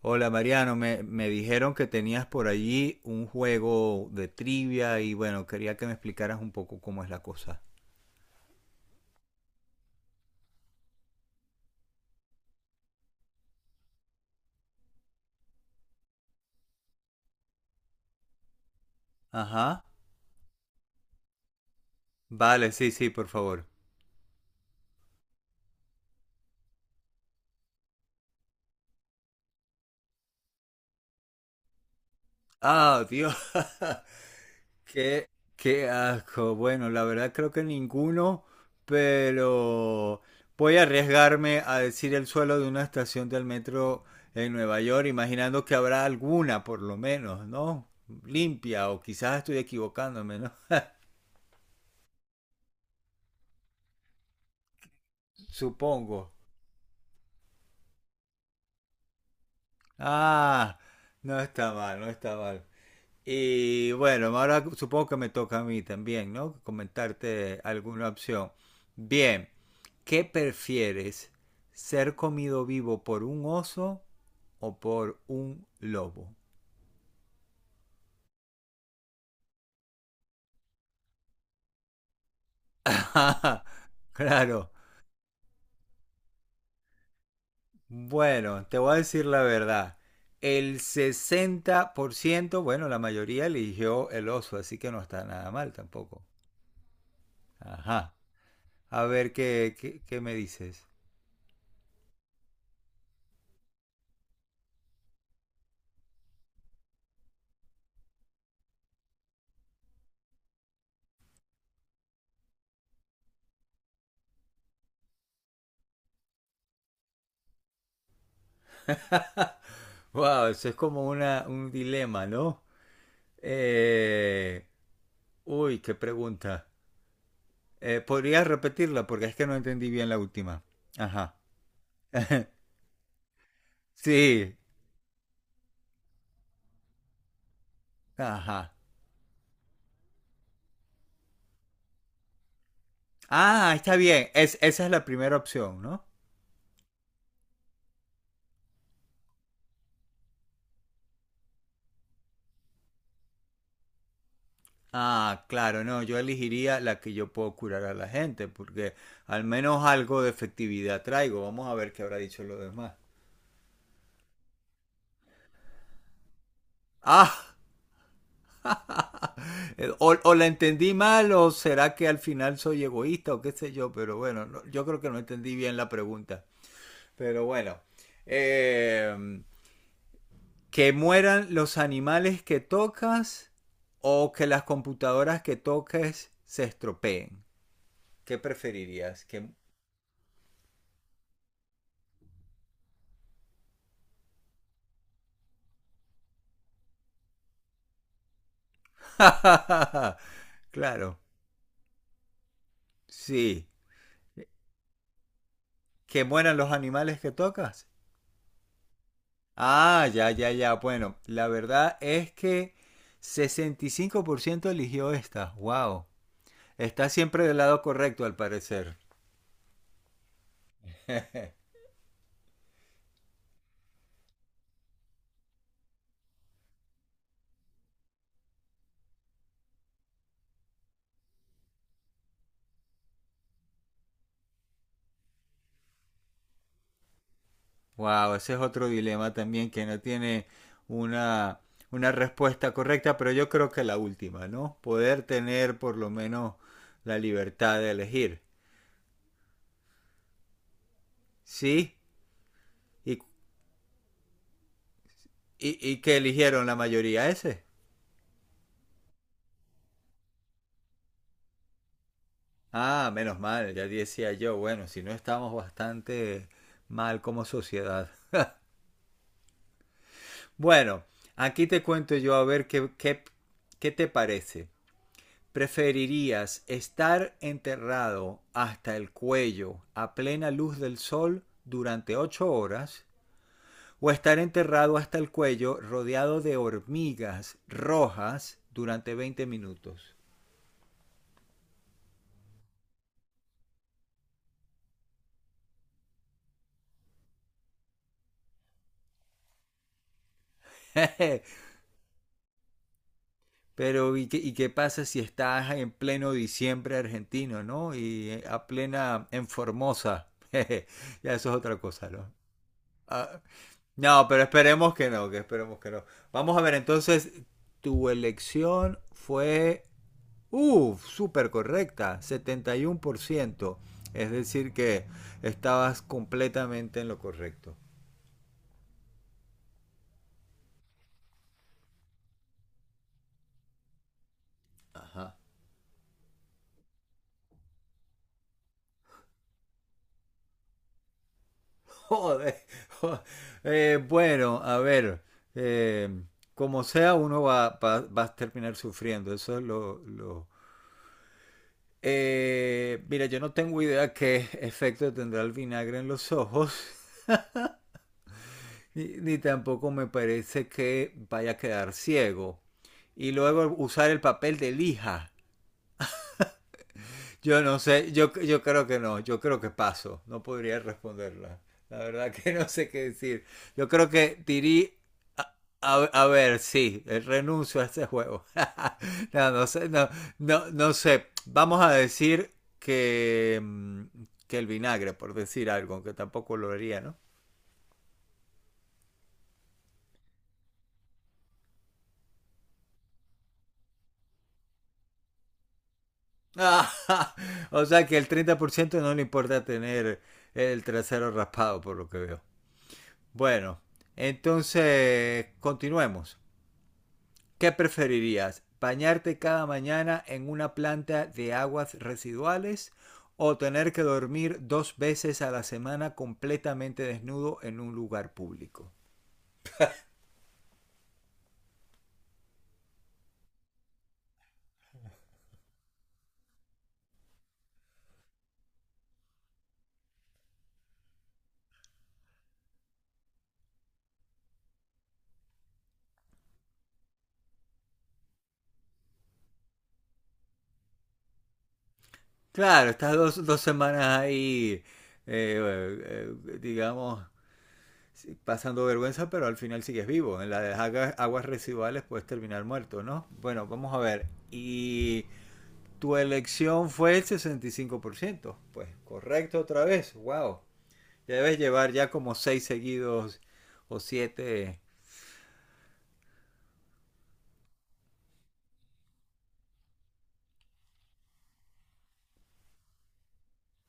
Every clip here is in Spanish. Hola Mariano, me dijeron que tenías por allí un juego de trivia y bueno, quería que me explicaras un poco cómo es la cosa. Ajá. Vale, sí, sí, por favor. Ah, Dios. Qué, qué asco. Bueno, la verdad creo que ninguno, pero voy a arriesgarme a decir el suelo de una estación del metro en Nueva York, imaginando que habrá alguna, por lo menos, ¿no? Limpia, o quizás estoy equivocándome, ¿no? Supongo. Ah, no está mal, no está mal. Y bueno, ahora supongo que me toca a mí también, ¿no? Comentarte alguna opción. Bien, ¿qué prefieres? ¿Ser comido vivo por un oso o por un lobo? Claro. Bueno, te voy a decir la verdad. El 60%, bueno, la mayoría eligió el oso, así que no está nada mal tampoco. Ajá. A ver qué me dices. Wow, eso es como un dilema, ¿no? Eh, uy, qué pregunta. ¿Podrías repetirla? Porque es que no entendí bien la última. Ajá. Sí. Ajá. Ah, está bien. Esa es la primera opción, ¿no? Ah, claro, no, yo elegiría la que yo puedo curar a la gente, porque al menos algo de efectividad traigo. Vamos a ver qué habrá dicho los demás. Ah, la entendí mal o será que al final soy egoísta o qué sé yo, pero bueno, no, yo creo que no entendí bien la pregunta. Pero bueno, eh, que mueran los animales que tocas o que las computadoras que toques se estropeen. ¿Qué preferirías? Que... claro, sí. Que mueran los animales que tocas. Ah, ya, ya, ya. Bueno, la verdad es que 65% eligió esta. Wow. Está siempre del lado correcto, al parecer. Wow, ese es otro dilema también que no tiene una, una respuesta correcta, pero yo creo que la última, ¿no? Poder tener por lo menos la libertad de elegir. ¿Sí? ¿Y, y qué eligieron la mayoría ese? Ah, menos mal, ya decía yo. Bueno, si no estamos bastante mal como sociedad. Bueno, aquí te cuento yo a ver qué te parece. ¿Preferirías estar enterrado hasta el cuello a plena luz del sol durante 8 horas o estar enterrado hasta el cuello rodeado de hormigas rojas durante 20 minutos? Pero ¿y qué pasa si estás en pleno diciembre argentino, no? Y a plena en Formosa. Ya eso es otra cosa, ¿no? Ah, no, pero esperemos que no, que esperemos que no. Vamos a ver, entonces, tu elección fue, uff, súper correcta, 71%, es decir, que estabas completamente en lo correcto. Ajá. Joder. jo- bueno, a ver, eh, como sea, va a terminar sufriendo. Eso es mira, yo no tengo idea qué efecto tendrá el vinagre en los ojos. Ni tampoco me parece que vaya a quedar ciego. Y luego usar el papel de lija. Yo creo que no, yo creo que paso, no podría responderla. La verdad que no sé qué decir. Yo creo que a, a ver, sí, renuncio a este juego. No, no sé, no sé. Vamos a decir que, que el vinagre, por decir algo, aunque tampoco lo haría, ¿no? Ah, o sea que el 30% no le importa tener el trasero raspado, por lo que veo. Bueno, entonces continuemos. ¿Qué preferirías? ¿Bañarte cada mañana en una planta de aguas residuales o tener que dormir dos veces a la semana completamente desnudo en un lugar público? Claro, estas dos semanas ahí, digamos, sí, pasando vergüenza, pero al final sigues vivo. En las aguas, residuales puedes terminar muerto, ¿no? Bueno, vamos a ver. Y tu elección fue el 65%. Pues correcto otra vez. Wow. Ya debes llevar ya como seis seguidos o siete.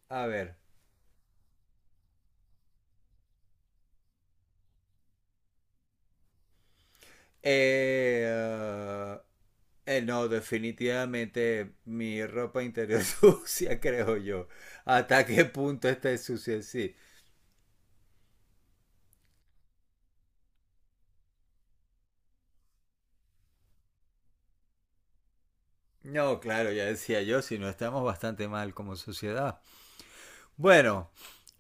A ver. Eh, uh, no, definitivamente mi ropa interior sucia, creo yo. ¿Hasta qué punto está sucia? Sí. No, claro, ya decía yo, si no estamos bastante mal como sociedad. Bueno,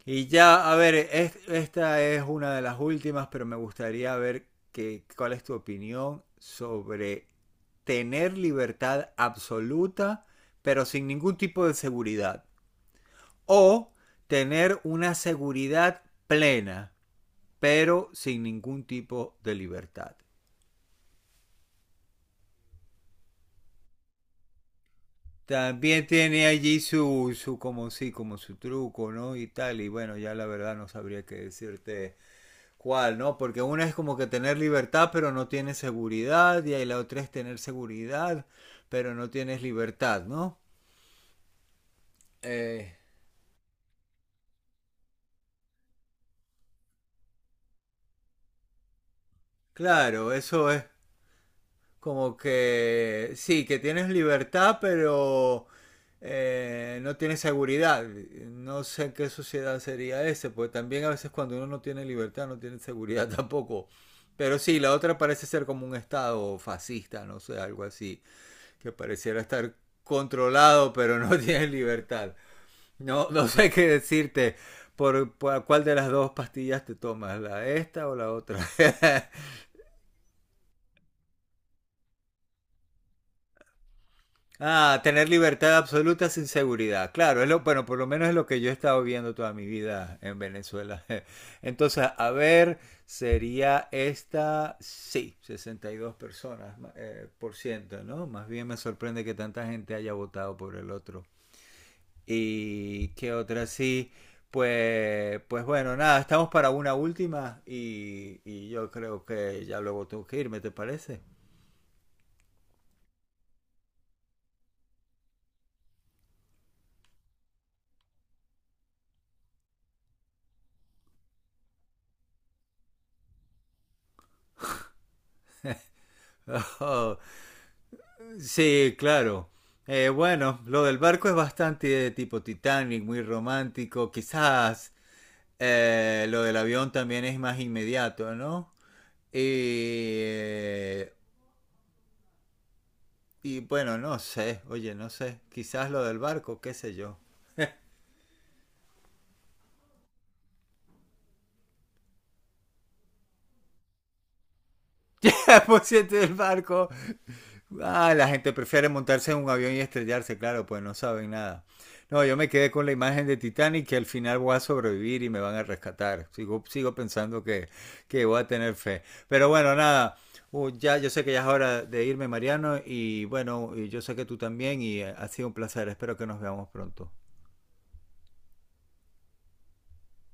y ya, a ver, esta es una de las últimas, pero me gustaría ver que, cuál es tu opinión sobre tener libertad absoluta, pero sin ningún tipo de seguridad. O tener una seguridad plena, pero sin ningún tipo de libertad. También tiene allí su como sí, como su truco, ¿no? Y tal, y bueno, ya la verdad no sabría qué decirte cuál, ¿no? Porque una es como que tener libertad, pero no tienes seguridad, y ahí la otra es tener seguridad, pero no tienes libertad, ¿no? Eh, claro, eso es, como que sí, que tienes libertad, pero no tienes seguridad. No sé en qué sociedad sería ese, porque también a veces cuando uno no tiene libertad, no tiene seguridad tampoco. Pero sí, la otra parece ser como un estado fascista, no sé, algo así, que pareciera estar controlado, pero no tiene libertad. No, no sé qué decirte por cuál de las dos pastillas te tomas, la esta o la otra. Ah, tener libertad absoluta sin seguridad. Claro, es lo, bueno, por lo menos es lo que yo he estado viendo toda mi vida en Venezuela. Entonces, a ver, sería esta, sí, 62 personas por ciento, ¿no? Más bien me sorprende que tanta gente haya votado por el otro. ¿Y qué otra sí? Pues, pues bueno, nada, estamos para una última y yo creo que ya luego tengo que irme, ¿te parece? Sí, claro. Bueno, lo del barco es bastante de tipo Titanic, muy romántico. Quizás lo del avión también es más inmediato, ¿no? Y, eh, y bueno, no sé, oye, no sé. Quizás lo del barco, qué sé yo. Por cierto, el barco. Ah, la gente prefiere montarse en un avión y estrellarse, claro, pues no saben nada. No, yo me quedé con la imagen de Titanic que al final voy a sobrevivir y me van a rescatar. Sigo pensando que voy a tener fe. Pero bueno, nada. Ya, yo sé que ya es hora de irme, Mariano, y bueno, y yo sé que tú también, y ha sido un placer. Espero que nos veamos pronto.